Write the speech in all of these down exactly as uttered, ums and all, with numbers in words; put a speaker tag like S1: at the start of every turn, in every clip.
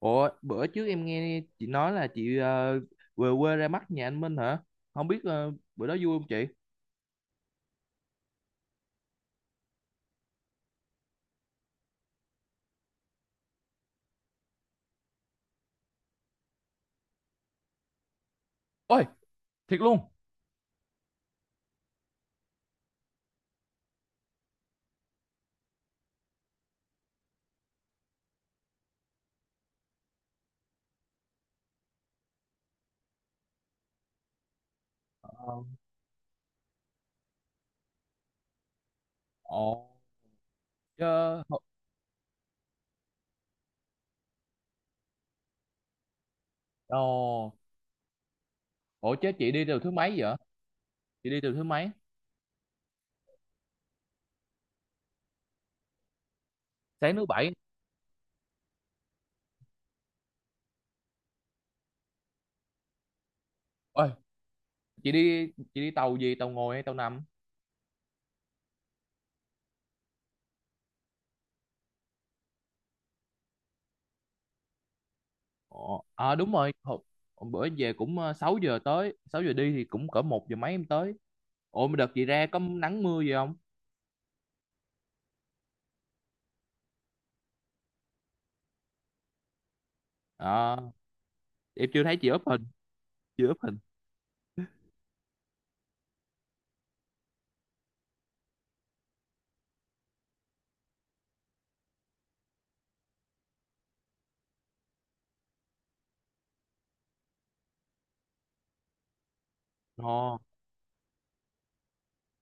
S1: Ủa, bữa trước em nghe chị nói là chị ờ, về quê ra mắt nhà anh Minh hả? Không biết ờ, bữa đó vui không chị? Ôi, thiệt luôn. Ờ. Ồ, chứ... Ồ, ủa chứ chị đi từ thứ mấy vậy? Chị đi từ thứ mấy? Sáng thứ bảy. Ôi, chị đi chị đi tàu gì? Tàu ngồi hay tàu nằm? Ồ, à đúng rồi. Hồi, hồi bữa về cũng ờ, sáu giờ tới. Sáu giờ đi thì cũng cỡ một giờ mấy em tới. Ủa mà đợt chị ra có nắng mưa gì không? À, em chưa thấy chị up hình. Chưa up hình. Ồ,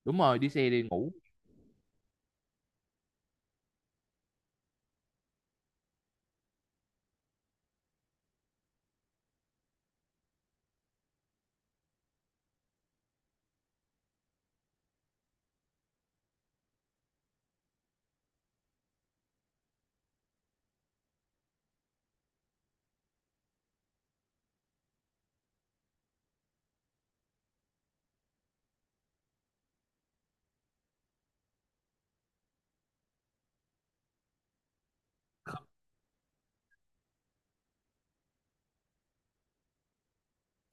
S1: đúng rồi, đi xe đi ngủ.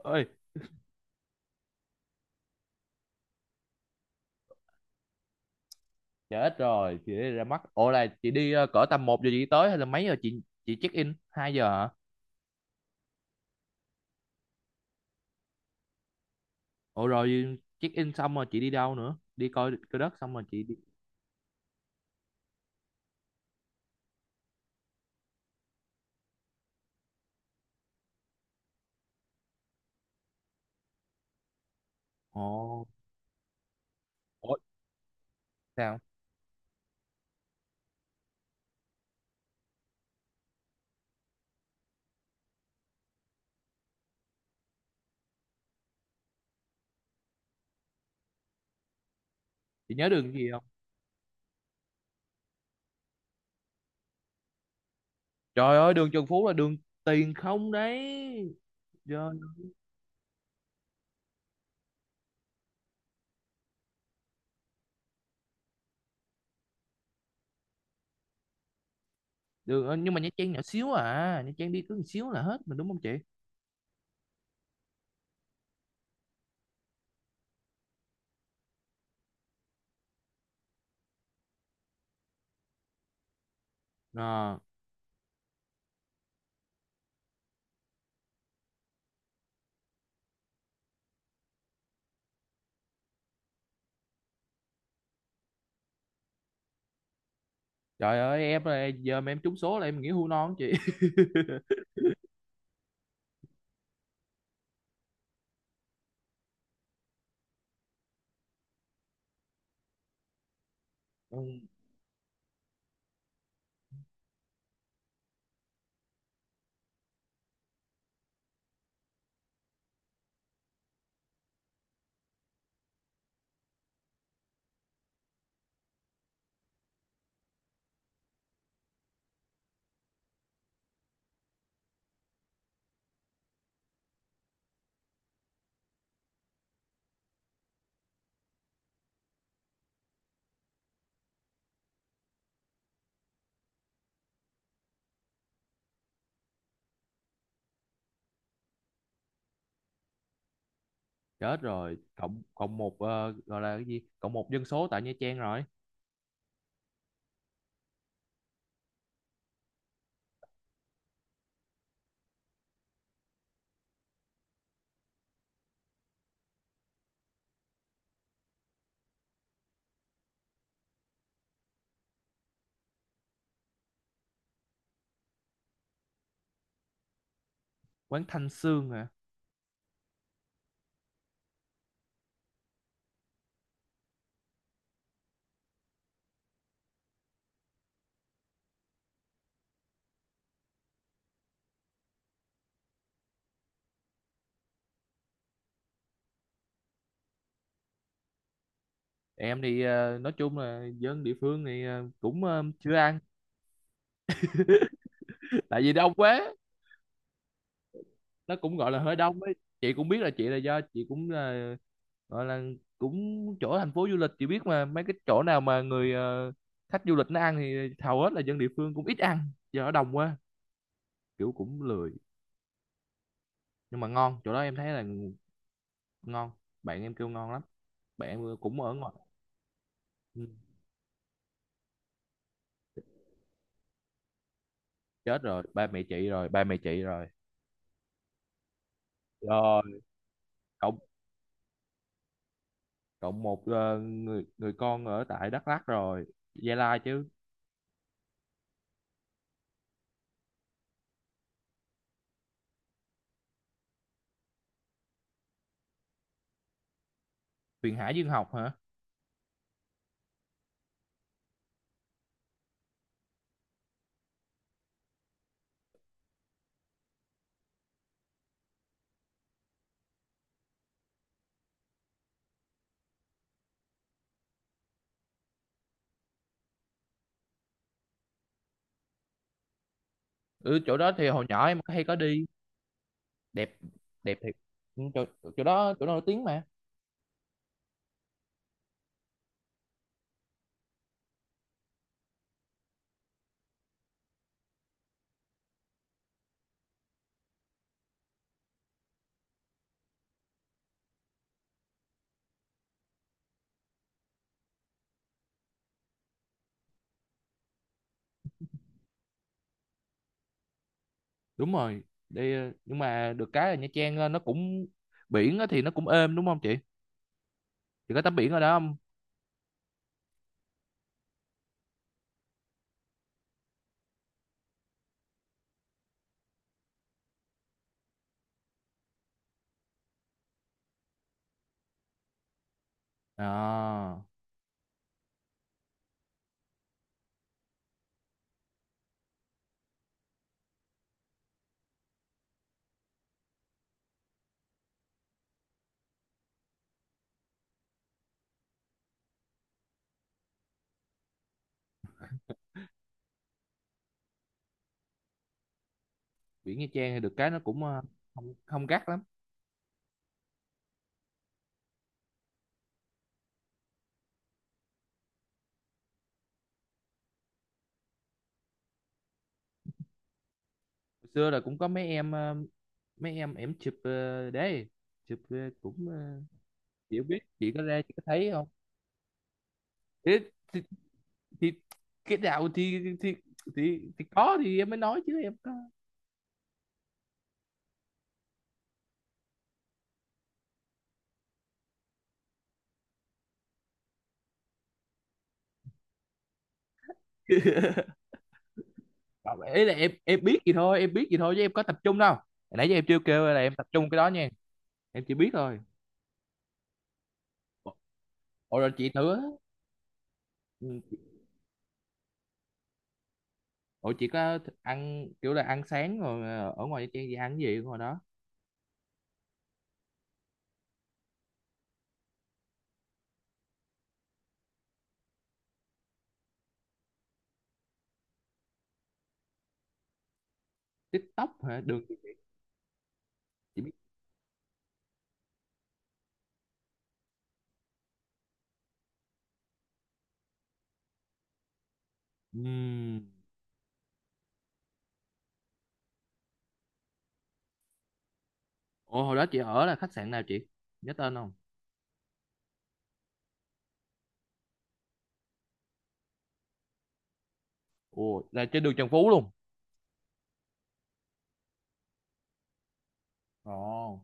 S1: Ơi, chết rồi chị đi ra mắt, ủa là chị đi ờ, cỡ tầm một giờ chị tới hay là mấy giờ chị chị check in hai giờ hả? Ủa rồi check in xong rồi chị đi đâu nữa, đi coi coi đất xong rồi chị đi? Ồ, ủa sao chị nhớ đường gì không? Trời ơi, đường Trần Phú là đường tiền không đấy trời. Đường ờ, nhưng mà Nha Trang nhỏ xíu à, Nha Trang đi cứ một xíu là hết mà đúng không chị? À, trời ơi, em là giờ mà em trúng số là em nghĩ hưu non chị. Ừ. Chết rồi, cộng cộng một ờ, gọi là cái gì, cộng một dân số tại Nha Trang rồi. Quán Thanh Sương hả? Em thì ờ, nói chung là dân địa phương thì ờ, cũng ờ, chưa ăn. Tại vì đông quá, nó cũng gọi là hơi đông ấy. Chị cũng biết là chị là do chị cũng là gọi là cũng chỗ thành phố du lịch, chị biết mà, mấy cái chỗ nào mà người ờ, khách du lịch nó ăn thì hầu hết là dân địa phương cũng ít ăn, do nó đông quá, kiểu cũng lười. Nhưng mà ngon, chỗ đó em thấy là ngon, bạn em kêu ngon lắm, bạn em cũng ở ngoài. Ừ. Chết rồi, ba mẹ chị rồi, ba mẹ chị rồi. Rồi cộng, cộng một ờ, người người con ở tại Đắk Lắk rồi, Gia Lai chứ. Huyền Hải Dương học hả? Ừ, chỗ đó thì hồi nhỏ em hay có đi. Đẹp, đẹp thiệt. Ừ, chỗ, chỗ đó, chỗ đó nổi tiếng mà. Đúng rồi, đi ờ, nhưng mà được cái là Nha Trang ờ, nó cũng biển á thì nó cũng êm đúng không chị? Chị có tắm biển ở đó không? À, biển Nha Trang thì được cái nó cũng ờ, không, không gắt lắm. Hồi xưa là cũng có mấy em ờ, mấy em em chụp ờ, đấy, chụp ờ, cũng ờ, chị không biết chị có ra chị có thấy không. Thì, thì, thì cái nào thì thì, thì thì có thì em mới nói chứ em có. Không, ý là em em biết gì thôi, em biết gì thôi chứ em có tập trung đâu. Hồi nãy giờ em chưa kêu là em tập trung cái đó nha, em chỉ biết thôi. Ủa rồi chị thử á. Ừ, ủa chị có th- ăn kiểu là ăn sáng rồi ờ, ở ngoài Nha Trang gì, ăn cái gì ở ngoài đó? TikTok hả, được. Chị biết. Ừm. Ủa hồi đó chị ở là khách sạn nào chị? Nhớ tên không? Ủa là trên đường Trần Phú luôn. Ồ.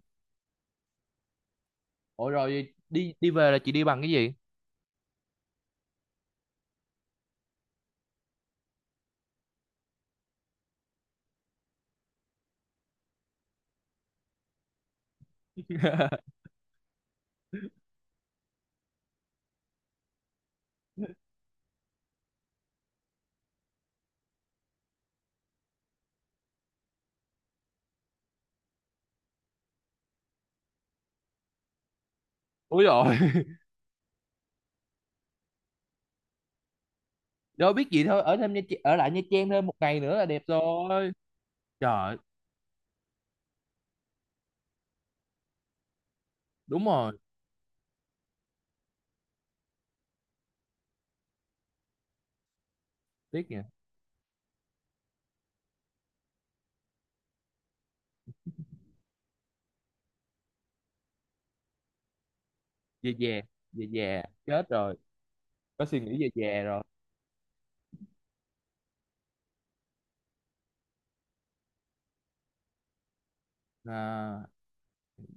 S1: Ủa rồi đi đi về là chị đi bằng cái gì? Ủa rồi. Đâu biết gì thôi, ở thêm Nha Trang, ở lại Nha Trang thêm một ngày nữa là đẹp rồi. Trời, đúng rồi, tiếc nhỉ. Về về, về về chết rồi. Có suy nghĩ về về rồi. À,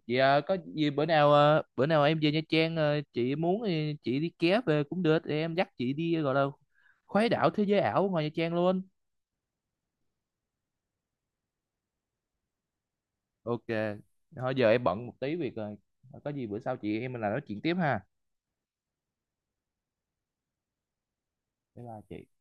S1: vậy à, có gì bữa nào à, bữa nào em về Nha Trang, à, chị muốn thì chị đi ké về cũng được, em dắt chị đi gọi là khuấy đảo thế giới ảo ngoài Nha Trang luôn. Ok, thôi giờ em bận một tí việc rồi, có gì bữa sau chị em mình lại nói chuyện tiếp ha. Bye bye chị.